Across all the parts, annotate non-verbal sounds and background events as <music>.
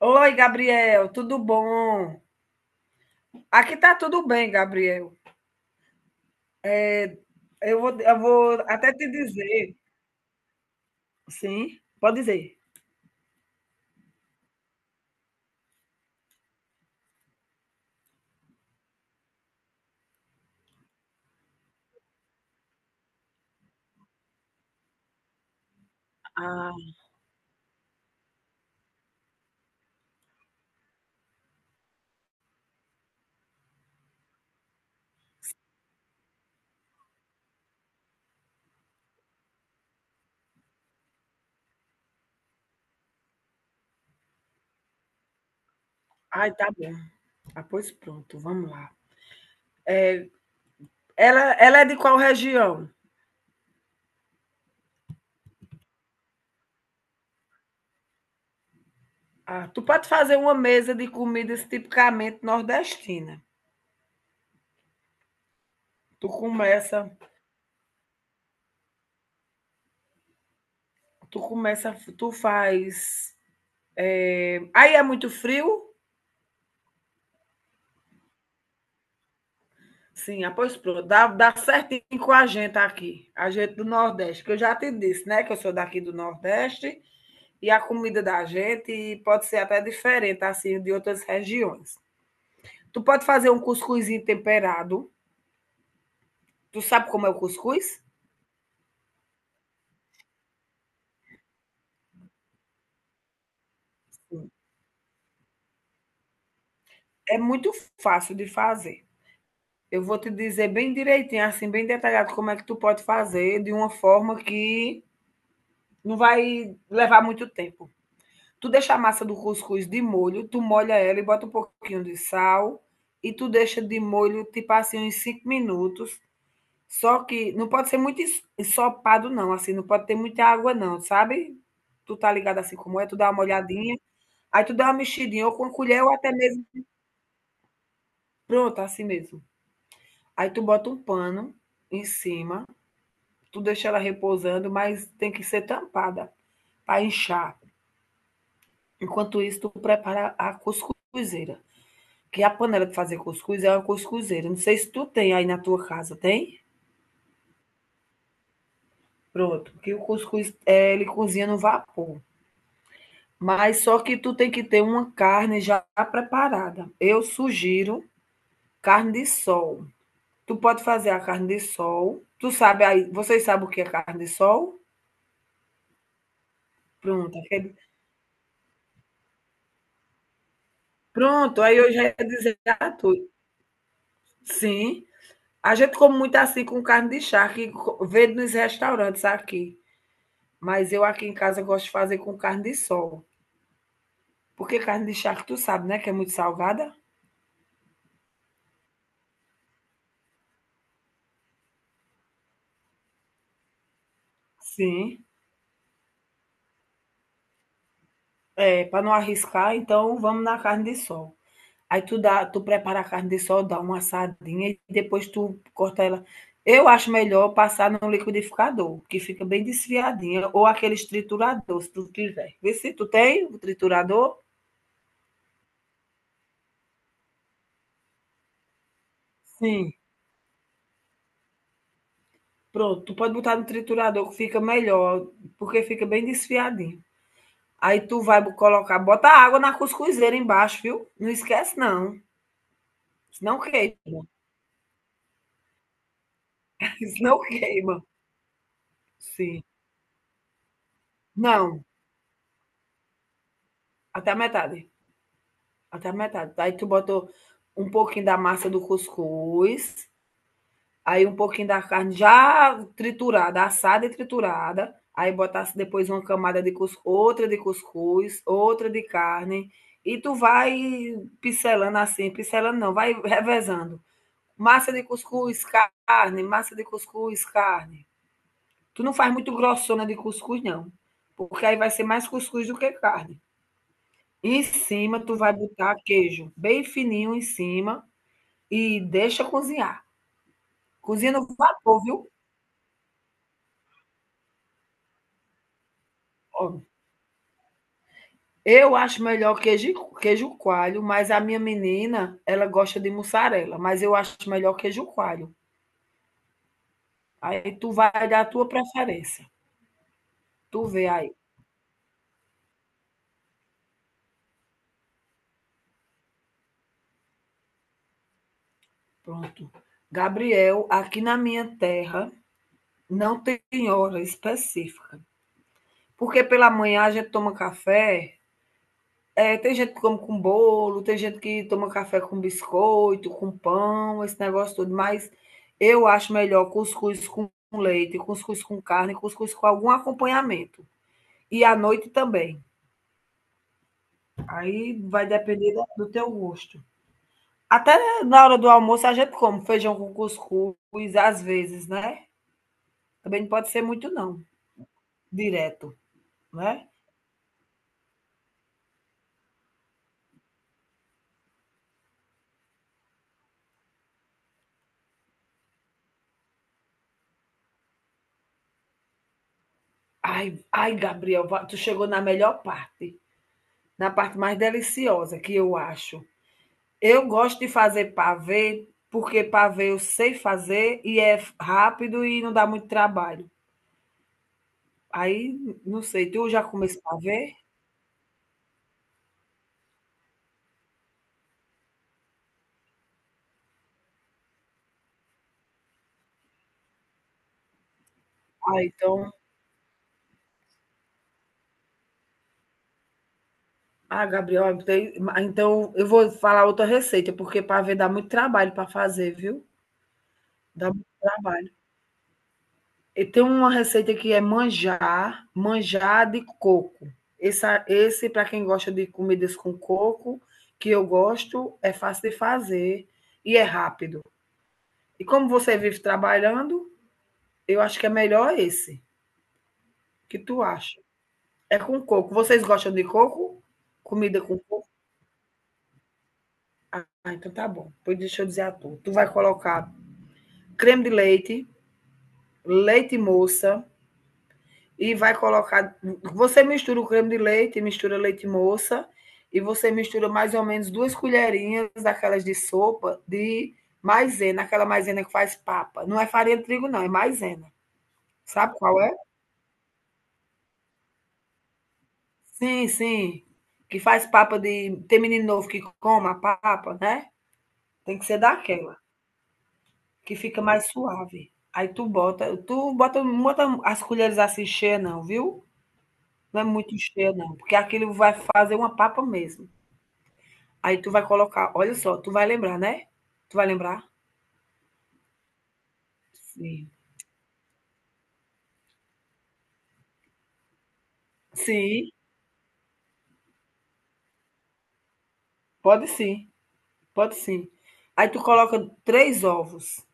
Oi, Gabriel, tudo bom? Aqui tá tudo bem, Gabriel. Eu vou até te dizer. Sim, pode dizer. Ah, ai, tá bom. Ah, pois pronto, vamos lá. Ela é de qual região? Ah, tu pode fazer uma mesa de comidas tipicamente nordestina. Tu começa, tu começa, tu faz. Aí é muito frio? Sim, ah, pois pronto, dá certinho com a gente aqui, a gente do Nordeste, que eu já te disse, né, que eu sou daqui do Nordeste. E a comida da gente pode ser até diferente assim de outras regiões. Tu pode fazer um cuscuzinho temperado. Tu sabe como é o cuscuz? É muito fácil de fazer. Eu vou te dizer bem direitinho, assim, bem detalhado como é que tu pode fazer de uma forma que não vai levar muito tempo. Tu deixa a massa do cuscuz de molho, tu molha ela e bota um pouquinho de sal, e tu deixa de molho tipo assim uns 5 minutos. Só que não pode ser muito ensopado não, assim, não pode ter muita água não, sabe. Tu tá ligado assim como é, tu dá uma olhadinha, aí tu dá uma mexidinha ou com a colher ou até mesmo, pronto, assim mesmo. Aí tu bota um pano em cima, tu deixa ela repousando, mas tem que ser tampada para inchar. Enquanto isso, tu prepara a cuscuzeira, que a panela de fazer cuscuz é uma cuscuzeira, não sei se tu tem aí na tua casa, tem? Pronto, que o cuscuz, ele cozinha no vapor. Mas só que tu tem que ter uma carne já preparada. Eu sugiro carne de sol. Tu pode fazer a carne de sol. Tu sabe aí, vocês sabem o que é carne de sol? Pronto, pronto, aí eu já ia dizer a tu. Sim, a gente come muito assim com carne de charque, vende nos restaurantes aqui. Mas eu aqui em casa gosto de fazer com carne de sol. Porque carne de charque, tu sabe, né, que é muito salgada? Sim. É, para não arriscar, então vamos na carne de sol. Aí tu prepara a carne de sol, dá uma assadinha e depois tu corta ela. Eu acho melhor passar no liquidificador, que fica bem desfiadinha, ou aqueles triturador, se tu quiser. Vê se tu tem o triturador. Sim. Pronto, tu pode botar no triturador que fica melhor, porque fica bem desfiadinho. Aí tu vai colocar, bota água na cuscuzeira embaixo, viu? Não esquece não, senão queima, <laughs> senão queima. Sim. Não, até a metade. Até a metade. Aí tu botou um pouquinho da massa do cuscuz, aí um pouquinho da carne já triturada, assada e triturada. Aí botasse depois uma camada de cuscuz, outra de cuscuz, outra de carne. E tu vai pincelando assim, pincelando não, vai revezando. Massa de cuscuz, carne, massa de cuscuz, carne. Tu não faz muito grossona de cuscuz, não. Porque aí vai ser mais cuscuz do que carne. Em cima, tu vai botar queijo bem fininho em cima. E deixa cozinhar. Cozinha no vapor, viu? Ó, eu acho melhor queijo coalho, mas a minha menina, ela gosta de mussarela, mas eu acho melhor queijo coalho. Aí tu vai dar a tua preferência. Tu vê aí. Pronto. Gabriel, aqui na minha terra não tem hora específica. Porque pela manhã a gente toma café. É, tem gente que come com bolo, tem gente que toma café com biscoito, com pão, esse negócio todo, mas eu acho melhor cuscuz com leite, cuscuz com carne, cuscuz com algum acompanhamento. E à noite também. Aí vai depender do teu gosto. Até na hora do almoço a gente come feijão com cuscuz, às vezes, né? Também não pode ser muito, não, direto, né? Ai, ai, Gabriel, tu chegou na melhor parte, na parte mais deliciosa que eu acho. Eu gosto de fazer pavê, porque pavê eu sei fazer e é rápido e não dá muito trabalho. Aí, não sei, tu já comesse pavê? Ah, então ah, Gabriel, tem então eu vou falar outra receita, porque pavê dá muito trabalho para fazer, viu. Dá muito trabalho. E tem uma receita que é manjar de coco. Esse para quem gosta de comidas com coco, que eu gosto, é fácil de fazer e é rápido. E como você vive trabalhando, eu acho que é melhor esse. O que tu acha? É com coco. Vocês gostam de coco? Comida com coco? Ah, então tá bom. Pois deixa eu dizer a tu. Tu vai colocar creme de leite, leite moça, e vai colocar. Você mistura o creme de leite, mistura leite moça, e você mistura mais ou menos duas colherinhas daquelas de sopa de maisena, aquela maisena que faz papa. Não é farinha de trigo, não, é maisena. Sabe qual é? Sim, sim. Que faz papa de. Tem menino novo que coma a papa, né? Tem que ser daquela, que fica mais suave. Aí tu bota, não bota as colheres assim cheias, não, viu? Não é muito cheia, não, porque aquilo vai fazer uma papa mesmo. Aí tu vai colocar, olha só, tu vai lembrar, né? Tu vai lembrar? Sim. Sim, pode sim, pode sim. Aí tu coloca 3 ovos.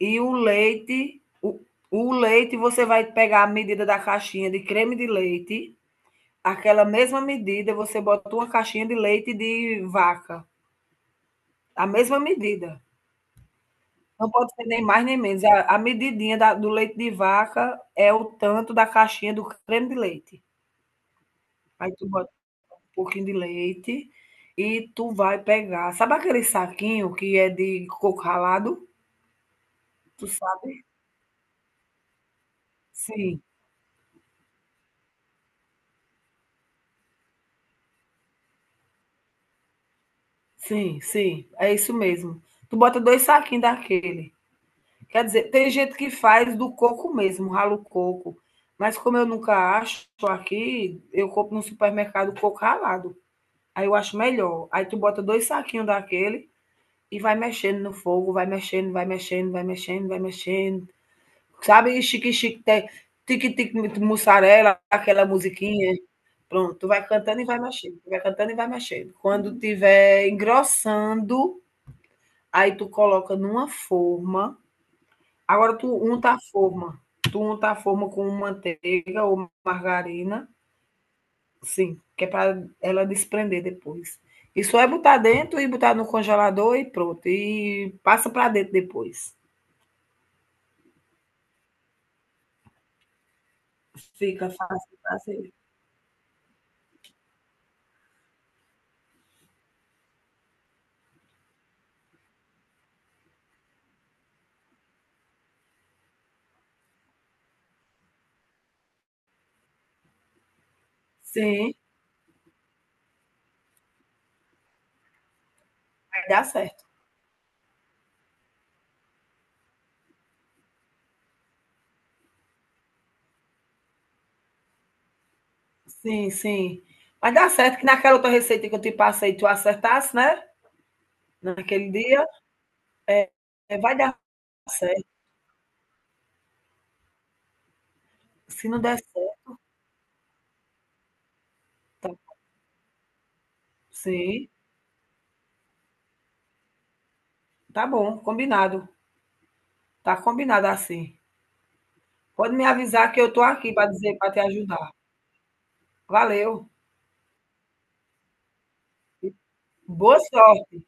E o leite, o, o leite, você vai pegar a medida da caixinha de creme de leite, aquela mesma medida, você bota uma caixinha de leite de vaca, a mesma medida. Não pode ser nem mais nem menos. A medidinha do leite de vaca é o tanto da caixinha do creme de leite. Aí tu bota um pouquinho de leite e tu vai pegar. Sabe aquele saquinho que é de coco ralado? Tu sabe? Sim. Sim, sim, é isso mesmo. Tu bota 2 saquinhos daquele. Quer dizer, tem gente que faz do coco mesmo, rala o coco. Mas como eu nunca acho aqui, eu compro no supermercado coco ralado. Aí eu acho melhor. Aí tu bota 2 saquinhos daquele e vai mexendo no fogo, vai mexendo, vai mexendo, vai mexendo, vai mexendo. Sabe, chique-chique, tique-tique, mussarela, aquela musiquinha. Pronto, tu vai cantando e vai mexendo, tu vai cantando e vai mexendo. Quando tiver engrossando, aí tu coloca numa forma. Agora tu unta a forma. Tu unta a forma com manteiga ou margarina, sim, que é para ela desprender depois. E só é botar dentro e botar no congelador e pronto. E passa para dentro depois. Fica fácil fazer. Sim, vai dar certo. Sim, sim. Vai dar certo que naquela outra receita que eu te passei, tu acertasse, né? Naquele dia, é, vai dar certo. Se não der certo, sim. Tá bom, combinado. Tá combinado assim. Pode me avisar que eu tô aqui para dizer, para te ajudar. Valeu. Boa sorte.